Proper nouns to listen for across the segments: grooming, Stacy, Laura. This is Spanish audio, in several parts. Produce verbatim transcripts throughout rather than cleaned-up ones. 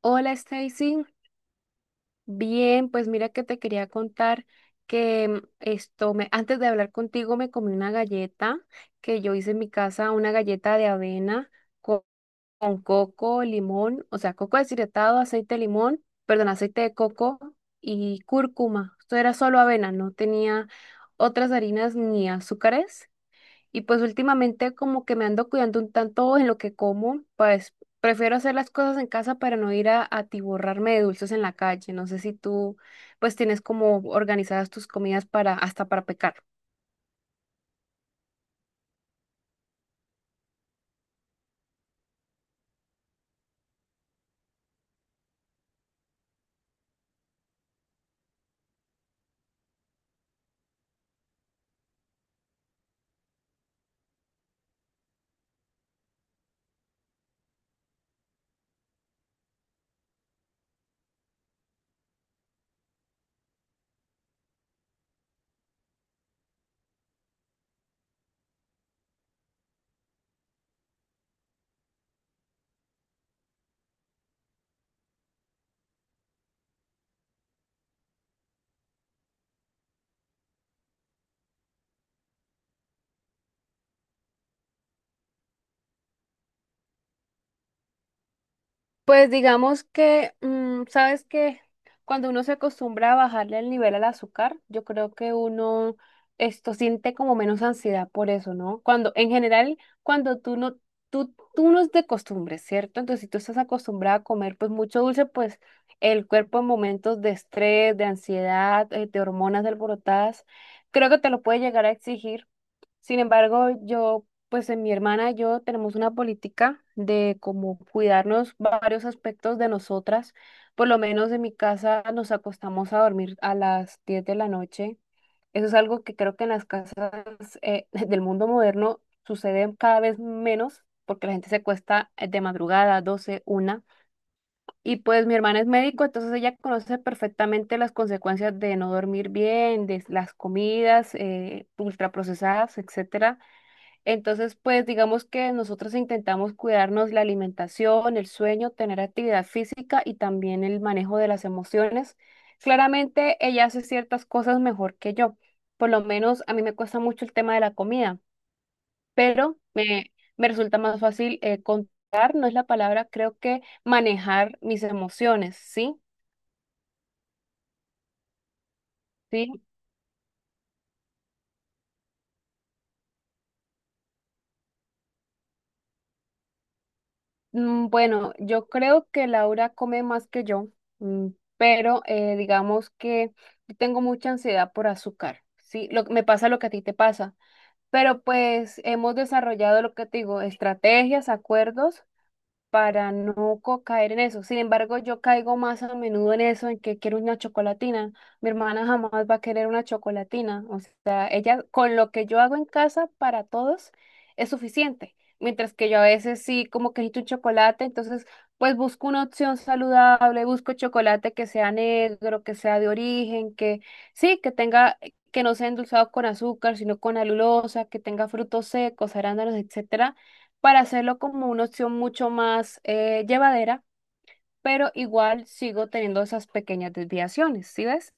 Hola Stacy, bien, pues mira que te quería contar que mm, esto me, antes de hablar contigo me comí una galleta que yo hice en mi casa, una galleta de avena co- con, coco, limón, o sea, coco deshidratado, aceite de limón, perdón, aceite de coco y cúrcuma. Esto era solo avena, no tenía otras harinas ni azúcares. Y pues últimamente como que me ando cuidando un tanto en lo que como, pues prefiero hacer las cosas en casa para no ir a atiborrarme de dulces en la calle. No sé si tú pues tienes como organizadas tus comidas para hasta para pecar. Pues digamos que, mm, ¿sabes que cuando uno se acostumbra a bajarle el nivel al azúcar, yo creo que uno esto siente como menos ansiedad por eso, ¿no? Cuando, en general, cuando tú no, tú, tú no es de costumbre, ¿cierto? Entonces, si tú estás acostumbrada a comer pues mucho dulce, pues el cuerpo en momentos de estrés, de ansiedad, eh, de hormonas alborotadas, creo que te lo puede llegar a exigir. Sin embargo, yo, pues en mi hermana y yo tenemos una política de como cuidarnos varios aspectos de nosotras. Por lo menos en mi casa nos acostamos a dormir a las diez de la noche. Eso es algo que creo que en las casas eh, del mundo moderno sucede cada vez menos porque la gente se cuesta eh, de madrugada, doce una. Y pues mi hermana es médico, entonces ella conoce perfectamente las consecuencias de no dormir bien, de las comidas eh, ultraprocesadas, etcétera. Entonces, pues digamos que nosotros intentamos cuidarnos la alimentación, el sueño, tener actividad física y también el manejo de las emociones. Claramente ella hace ciertas cosas mejor que yo. Por lo menos a mí me cuesta mucho el tema de la comida, pero me, me resulta más fácil eh, contar, no es la palabra, creo que manejar mis emociones, ¿sí? ¿Sí? Mm, bueno, yo creo que Laura come más que yo, mm, pero eh, digamos que yo tengo mucha ansiedad por azúcar, ¿sí? Lo, me pasa lo que a ti te pasa, pero pues hemos desarrollado lo que te digo, estrategias, acuerdos para no co- caer en eso. Sin embargo, yo caigo más a menudo en eso, en que quiero una chocolatina. Mi hermana jamás va a querer una chocolatina. O sea, ella con lo que yo hago en casa para todos es suficiente. Mientras que yo a veces sí como que necesito un chocolate, entonces pues busco una opción saludable, busco chocolate que sea negro, que sea de origen, que sí, que tenga, que no sea endulzado con azúcar, sino con alulosa, que tenga frutos secos, arándanos, etcétera, para hacerlo como una opción mucho más eh, llevadera, pero igual sigo teniendo esas pequeñas desviaciones, ¿sí ves?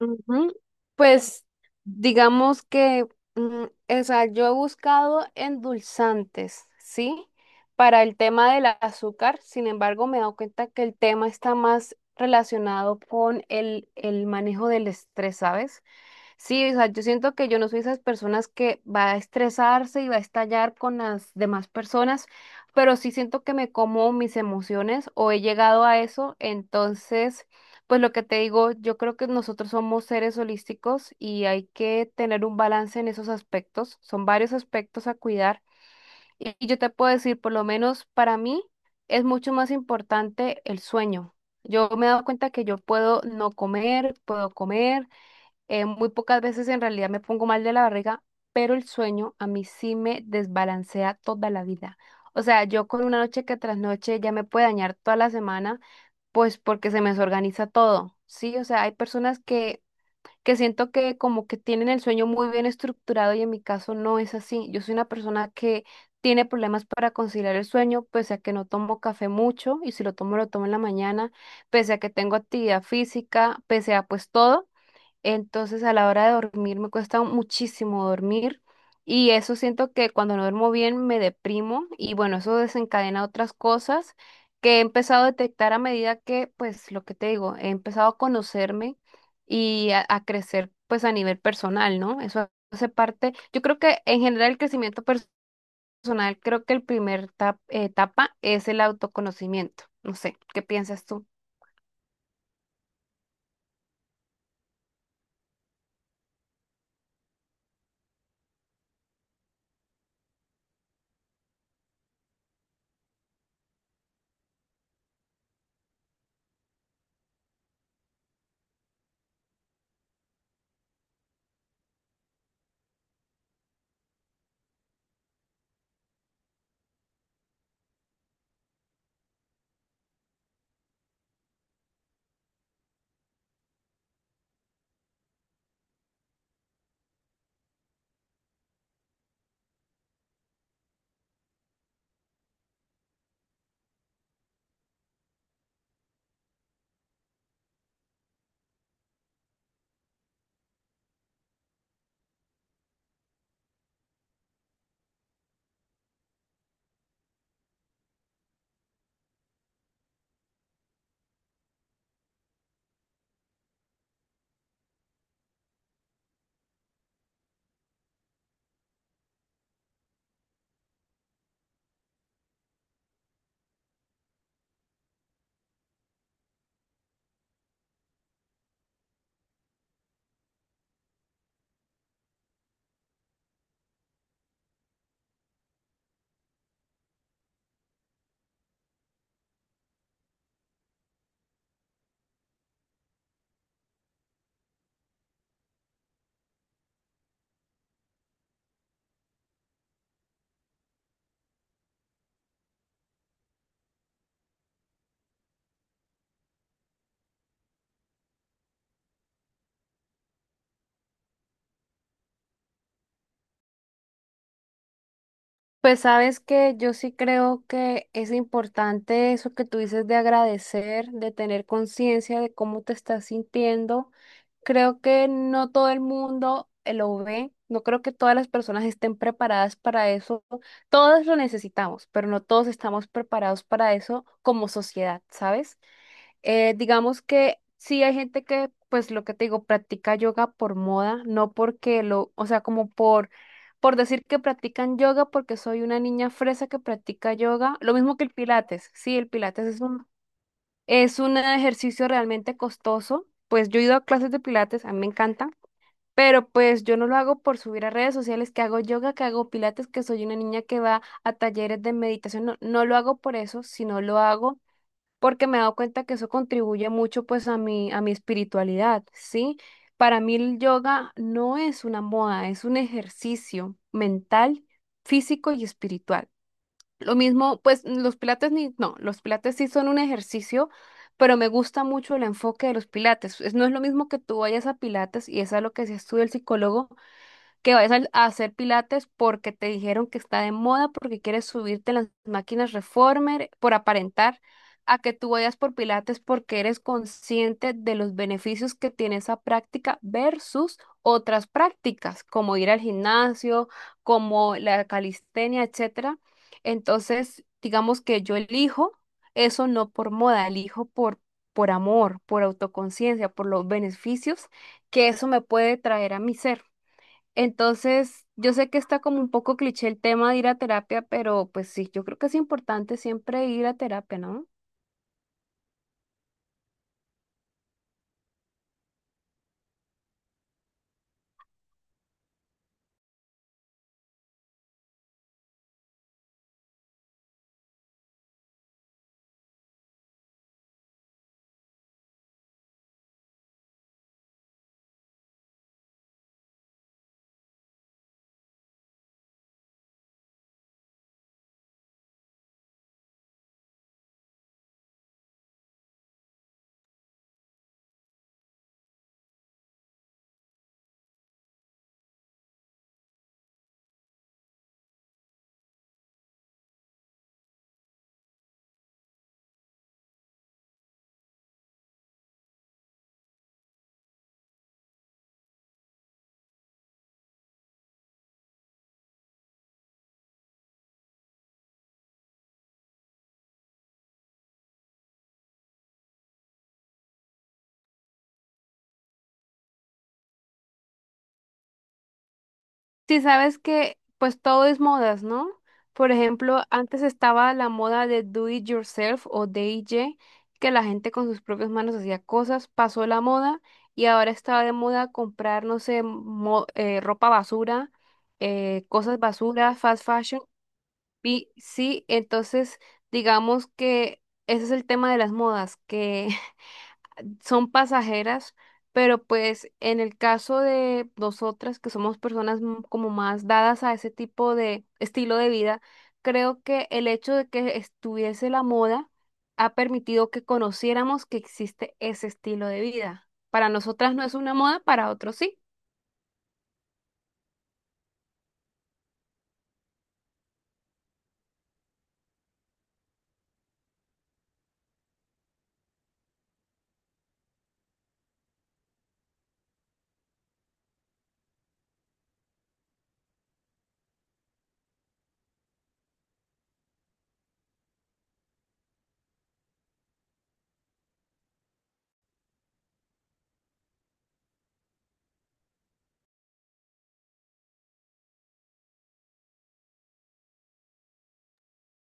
Ujú. Pues digamos que, mm, o sea, yo he buscado endulzantes, ¿sí? Para el tema del azúcar, sin embargo, me he dado cuenta que el tema está más relacionado con el, el manejo del estrés, ¿sabes? Sí, o sea, yo siento que yo no soy esas personas que va a estresarse y va a estallar con las demás personas, pero sí siento que me como mis emociones o he llegado a eso, entonces, pues lo que te digo, yo creo que nosotros somos seres holísticos y hay que tener un balance en esos aspectos, son varios aspectos a cuidar y y yo te puedo decir, por lo menos para mí es mucho más importante el sueño. Yo me he dado cuenta que yo puedo no comer, puedo comer. Eh, muy pocas veces en realidad me pongo mal de la barriga, pero el sueño a mí sí me desbalancea toda la vida. O sea, yo con una noche que tras noche ya me puede dañar toda la semana, pues porque se me desorganiza todo, ¿sí? O sea, hay personas que, que siento que como que tienen el sueño muy bien estructurado y en mi caso no es así. Yo soy una persona que tiene problemas para conciliar el sueño, pese a que no tomo café mucho y si lo tomo lo tomo en la mañana, pese a que tengo actividad física, pese a pues todo. Entonces, a la hora de dormir me cuesta muchísimo dormir y eso siento que cuando no duermo bien me deprimo y bueno, eso desencadena otras cosas que he empezado a detectar a medida que, pues, lo que te digo, he empezado a conocerme y a, a crecer, pues, a nivel personal, ¿no? Eso hace parte, yo creo que en general el crecimiento personal, creo que el primer tap- etapa es el autoconocimiento. No sé, ¿qué piensas tú? Pues sabes que yo sí creo que es importante eso que tú dices de agradecer, de tener conciencia de cómo te estás sintiendo. Creo que no todo el mundo eh, lo ve, no creo que todas las personas estén preparadas para eso. Todos lo necesitamos, pero no todos estamos preparados para eso como sociedad, ¿sabes? Eh, digamos que sí hay gente que, pues lo que te digo, practica yoga por moda, no porque lo, o sea, como por, por decir que practican yoga porque soy una niña fresa que practica yoga, lo mismo que el pilates, sí, el pilates es un, es un ejercicio realmente costoso, pues yo he ido a clases de pilates, a mí me encanta, pero pues yo no lo hago por subir a redes sociales que hago yoga, que hago pilates, que soy una niña que va a talleres de meditación, no, no lo hago por eso, sino lo hago porque me he dado cuenta que eso contribuye mucho pues a mi, a mi espiritualidad, ¿sí? Para mí el yoga no es una moda, es un ejercicio mental, físico y espiritual. Lo mismo, pues los pilates ni, no, los pilates sí son un ejercicio, pero me gusta mucho el enfoque de los pilates. Es- no es lo mismo que tú vayas a pilates y es a lo que se estudia el psicólogo, que vayas al- a hacer pilates porque te dijeron que está de moda, porque quieres subirte en las máquinas reformer por aparentar, a que tú vayas por pilates porque eres consciente de los beneficios que tiene esa práctica versus otras prácticas, como ir al gimnasio, como la calistenia, etcétera. Entonces, digamos que yo elijo eso no por moda, elijo por por amor, por autoconciencia, por los beneficios que eso me puede traer a mi ser. Entonces, yo sé que está como un poco cliché el tema de ir a terapia, pero pues sí, yo creo que es importante siempre ir a terapia, ¿no? Sí, sabes que pues todo es modas, ¿no? Por ejemplo, antes estaba la moda de do it yourself o D I Y, que la gente con sus propias manos hacía cosas, pasó la moda y ahora está de moda comprar, no sé, mo- eh, ropa basura, eh, cosas basura, fast fashion. Y sí, entonces digamos que ese es el tema de las modas, que son pasajeras, pero pues en el caso de nosotras, que somos personas m- como más dadas a ese tipo de estilo de vida, creo que el hecho de que estuviese la moda ha permitido que conociéramos que existe ese estilo de vida. Para nosotras no es una moda, para otros sí.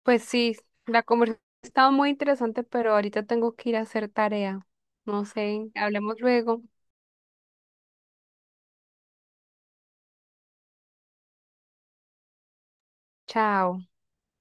Pues sí, la conversación estaba muy interesante, pero ahorita tengo que ir a hacer tarea. No sé, hablemos luego. Chao.